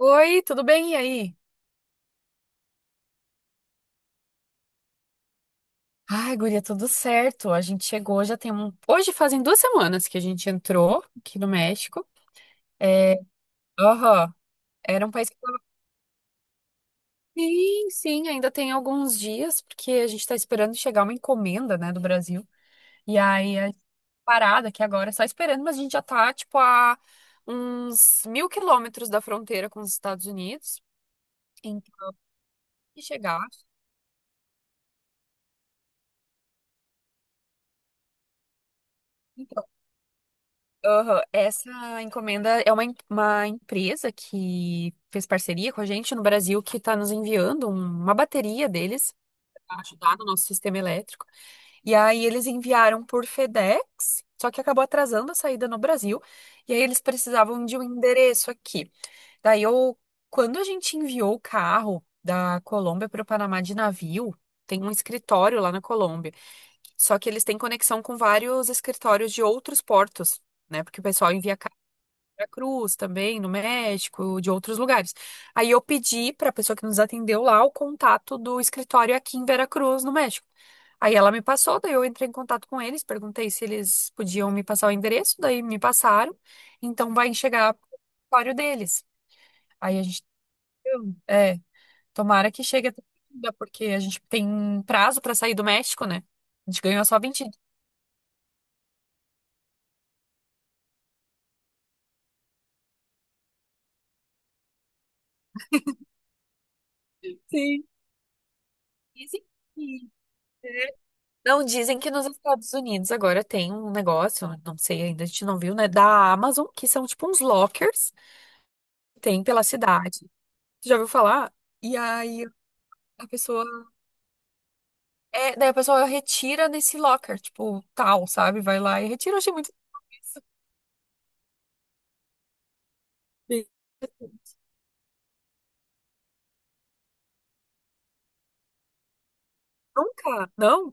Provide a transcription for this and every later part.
Oi, tudo bem? E aí? Ai, guria, tudo certo. A gente chegou, já tem um. Hoje fazem duas semanas que a gente entrou aqui no México. É, aham. Era um país que tava... Sim, ainda tem alguns dias, porque a gente tá esperando chegar uma encomenda, né, do Brasil. E aí, a parada aqui agora, só esperando, mas a gente já tá, tipo, a uns mil quilômetros da fronteira com os Estados Unidos. Então, se chegar. Aham, essa encomenda é uma empresa que fez parceria com a gente no Brasil que está nos enviando uma bateria deles para ajudar no nosso sistema elétrico. E aí eles enviaram por FedEx, só que acabou atrasando a saída no Brasil. E aí eles precisavam de um endereço aqui. Daí eu, quando a gente enviou o carro da Colômbia para o Panamá de navio, tem um escritório lá na Colômbia. Só que eles têm conexão com vários escritórios de outros portos, né? Porque o pessoal envia Cruz também, no México, de outros lugares. Aí eu pedi para a pessoa que nos atendeu lá o contato do escritório aqui em Veracruz, no México. Aí ela me passou, daí eu entrei em contato com eles, perguntei se eles podiam me passar o endereço, daí me passaram. Então vai chegar o escritório deles. Aí a gente, é, tomara que chegue até segunda, porque a gente tem prazo para sair do México, né? A gente ganhou só vinte dias. Sim. Sim. Não, dizem que nos Estados Unidos agora tem um negócio, eu não sei ainda, a gente não viu, né? Da Amazon, que são tipo uns lockers, tem pela cidade. Tu já ouviu falar? E aí a pessoa. É, daí a pessoa retira nesse locker, tipo, tal, sabe? Vai lá e retira. Eu achei muito isso. Nunca, não.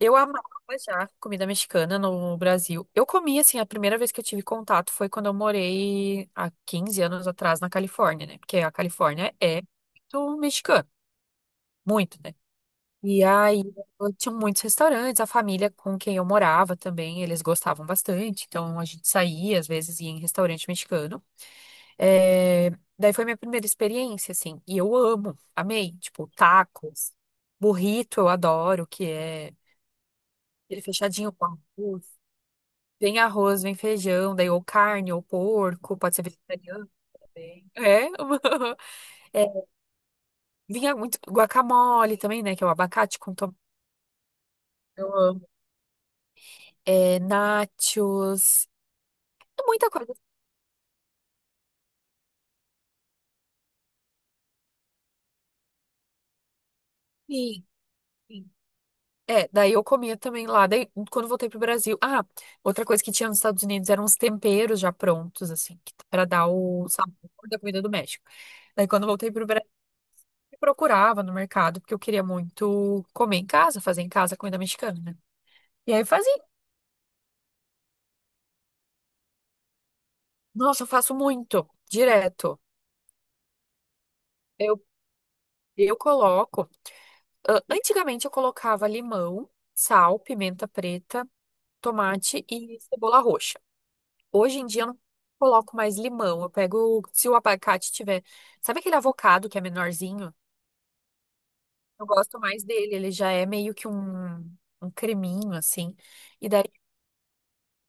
Eu amava já comida mexicana no Brasil. Eu comi, assim, a primeira vez que eu tive contato foi quando eu morei há 15 anos atrás na Califórnia, né? Porque a Califórnia é muito mexicana. Muito, né? E aí, eu tinha muitos restaurantes, a família com quem eu morava também, eles gostavam bastante, então a gente saía, às vezes ia em restaurante mexicano. É, daí foi minha primeira experiência, assim, e eu amo, amei, tipo, tacos, burrito eu adoro, que é aquele fechadinho com arroz, vem feijão, daí ou carne, ou porco, pode ser vegetariano também. É, é, vinha muito guacamole também, né, que é o abacate com tomate. É, nachos, é muita coisa. Sim, sim. É, daí eu comia também lá. Daí, quando voltei pro Brasil. Ah, outra coisa que tinha nos Estados Unidos eram os temperos já prontos, assim, pra dar o sabor da comida do México. Daí, quando eu voltei pro Brasil, eu procurava no mercado, porque eu queria muito comer em casa, fazer em casa comida mexicana, né? E aí eu fazia. Nossa, eu faço muito, direto. Eu, eu coloco. Antigamente eu colocava limão, sal, pimenta preta, tomate e cebola roxa. Hoje em dia eu não coloco mais limão. Eu pego, se o abacate tiver. Sabe aquele avocado que é menorzinho? Eu gosto mais dele. Ele já é meio que um creminho, assim. E daí,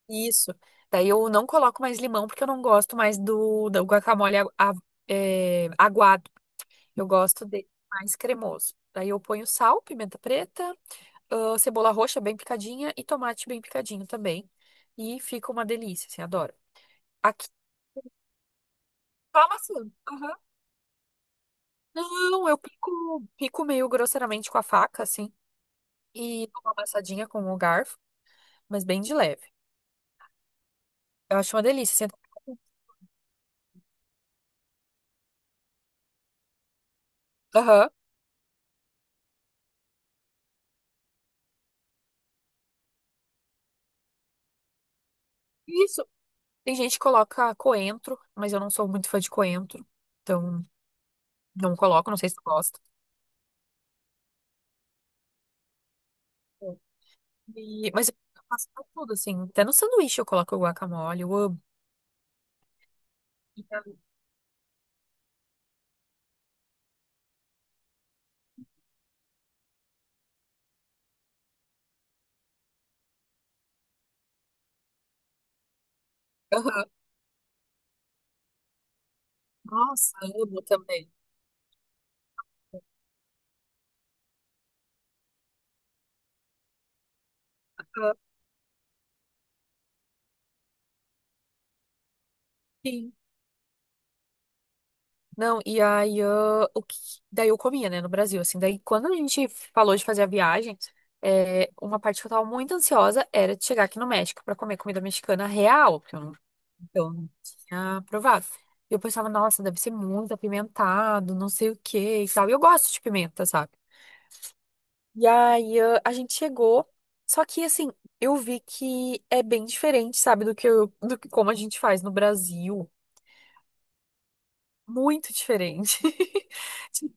isso. Daí eu não coloco mais limão porque eu não gosto mais do guacamole é, aguado. Eu gosto dele mais cremoso. Daí eu ponho sal, pimenta preta, cebola roxa bem picadinha e tomate bem picadinho também. E fica uma delícia, assim, adoro. Aqui, toma assim. Não, eu pico, pico meio grosseiramente com a faca, assim, e dou uma amassadinha com o garfo, mas bem de leve. Eu acho uma delícia. Senta... Aham. Isso. Tem gente que coloca coentro, mas eu não sou muito fã de coentro. Então, não coloco, não sei se tu gosta. Mas eu faço pra tudo, assim. Até no sanduíche eu coloco guacamole, eu amo. Aham. Nossa, eu amo também. Aham. Sim. Não, e aí eu, o que, daí eu comia, né, no Brasil, assim. Daí quando a gente falou de fazer a viagem, é, uma parte que eu tava muito ansiosa era de chegar aqui no México pra comer comida mexicana real, porque eu não tinha provado. E eu pensava, nossa, deve ser muito apimentado, não sei o quê e tal. E eu gosto de pimenta, sabe? E aí, ah, a gente chegou, só que assim, eu vi que é bem diferente, sabe, do que eu, do que como a gente faz no Brasil. Muito diferente.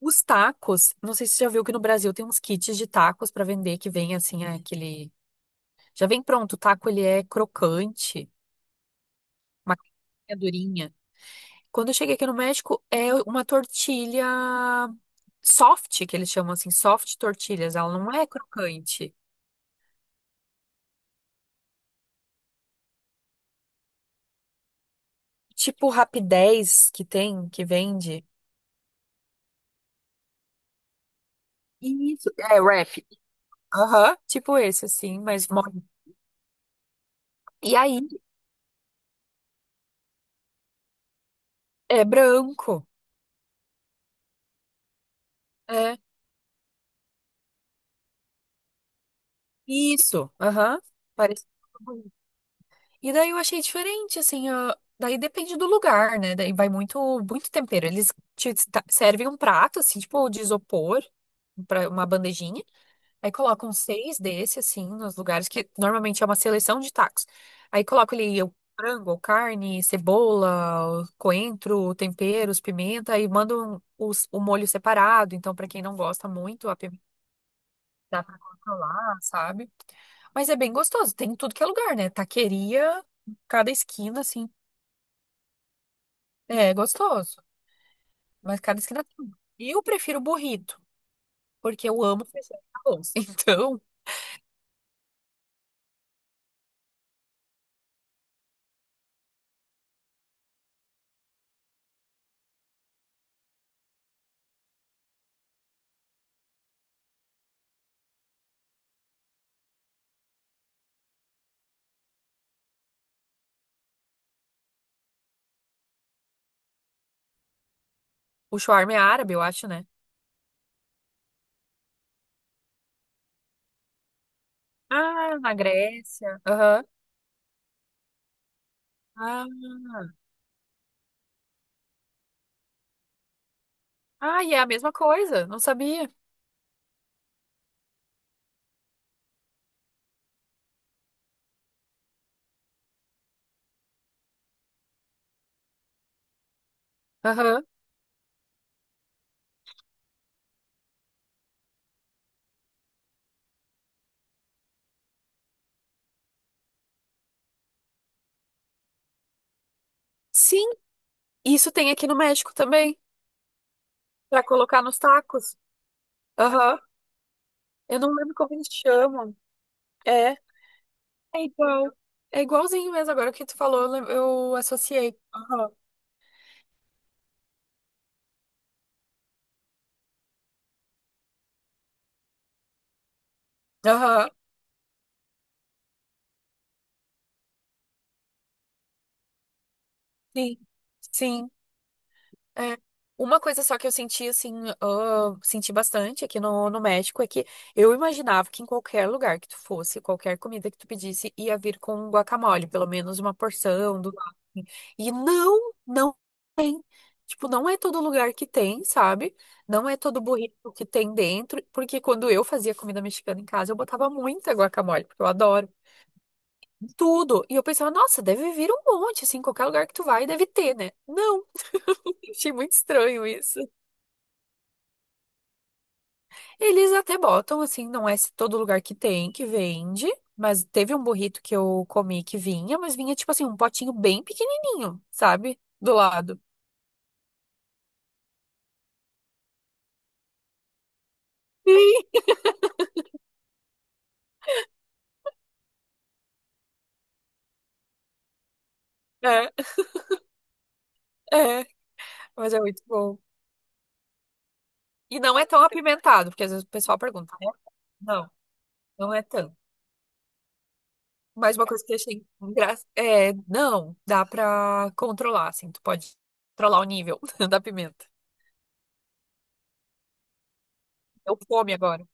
Os tacos, não sei se você já viu que no Brasil tem uns kits de tacos para vender que vem assim, é aquele. Já vem pronto, o taco ele é crocante, uma casquinha durinha. Quando eu cheguei aqui no México, é uma tortilha soft, que eles chamam assim, soft tortilhas, ela não é crocante. Tipo Rapidez que tem, que vende. Isso, é wrap. Aham, tipo esse assim, mas mole. E aí, é branco. É, isso, aham. Parece. E daí eu achei diferente, assim, ó, daí depende do lugar, né? Daí vai muito, muito tempero. Eles servem um prato, assim, tipo de isopor, para uma bandejinha. Aí colocam seis desse, assim, nos lugares que normalmente é uma seleção de tacos. Aí colocam ali o frango, ou carne, cebola, o coentro, temperos, pimenta, aí mandam o molho separado. Então, para quem não gosta muito, a dá pra controlar, sabe? Mas é bem gostoso, tem em tudo que é lugar, né? Taqueria, cada esquina, assim, é gostoso, mas cada esquina tem. E eu prefiro burrito, porque eu amo feijão com arroz. Então, o shawarma é árabe, eu acho, né? Ah, na Grécia. Aham. Ah, ah, e é a mesma coisa, não sabia. Aham. Sim, isso tem aqui no México também, pra colocar nos tacos. Aham. Eu não lembro como eles chamam. É. É igual. É igualzinho mesmo. Agora que tu falou, eu eu associei. Aham. Aham. Sim. Sim. É. Uma coisa só que eu senti, assim, ah, senti bastante aqui no, no México é que eu imaginava que em qualquer lugar que tu fosse, qualquer comida que tu pedisse, ia vir com guacamole, pelo menos uma porção do lado. Assim. E não tem. Tipo, não é todo lugar que tem, sabe? Não é todo burrito que tem dentro, porque quando eu fazia comida mexicana em casa, eu botava muita guacamole, porque eu adoro. Tudo. E eu pensava, nossa, deve vir um monte, assim, qualquer lugar que tu vai, deve ter, né? Não, achei muito estranho isso. Eles até botam, assim, não é todo lugar que tem, que vende, mas teve um burrito que eu comi que vinha, mas vinha, tipo assim, um potinho bem pequenininho, sabe? Do lado. É, é, mas é muito bom. E não é tão apimentado, porque às vezes o pessoal pergunta, né? Não, não é tanto. Mas uma coisa que eu achei engraçada é, não, dá pra controlar, assim, tu pode controlar o nível da pimenta. Deu fome agora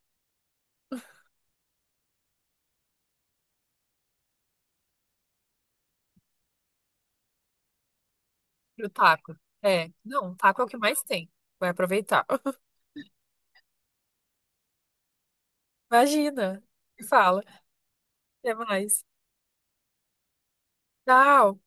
pro taco. É, não, taco é o que mais tem. Vai aproveitar. Imagina. Me fala. Até mais. Tchau.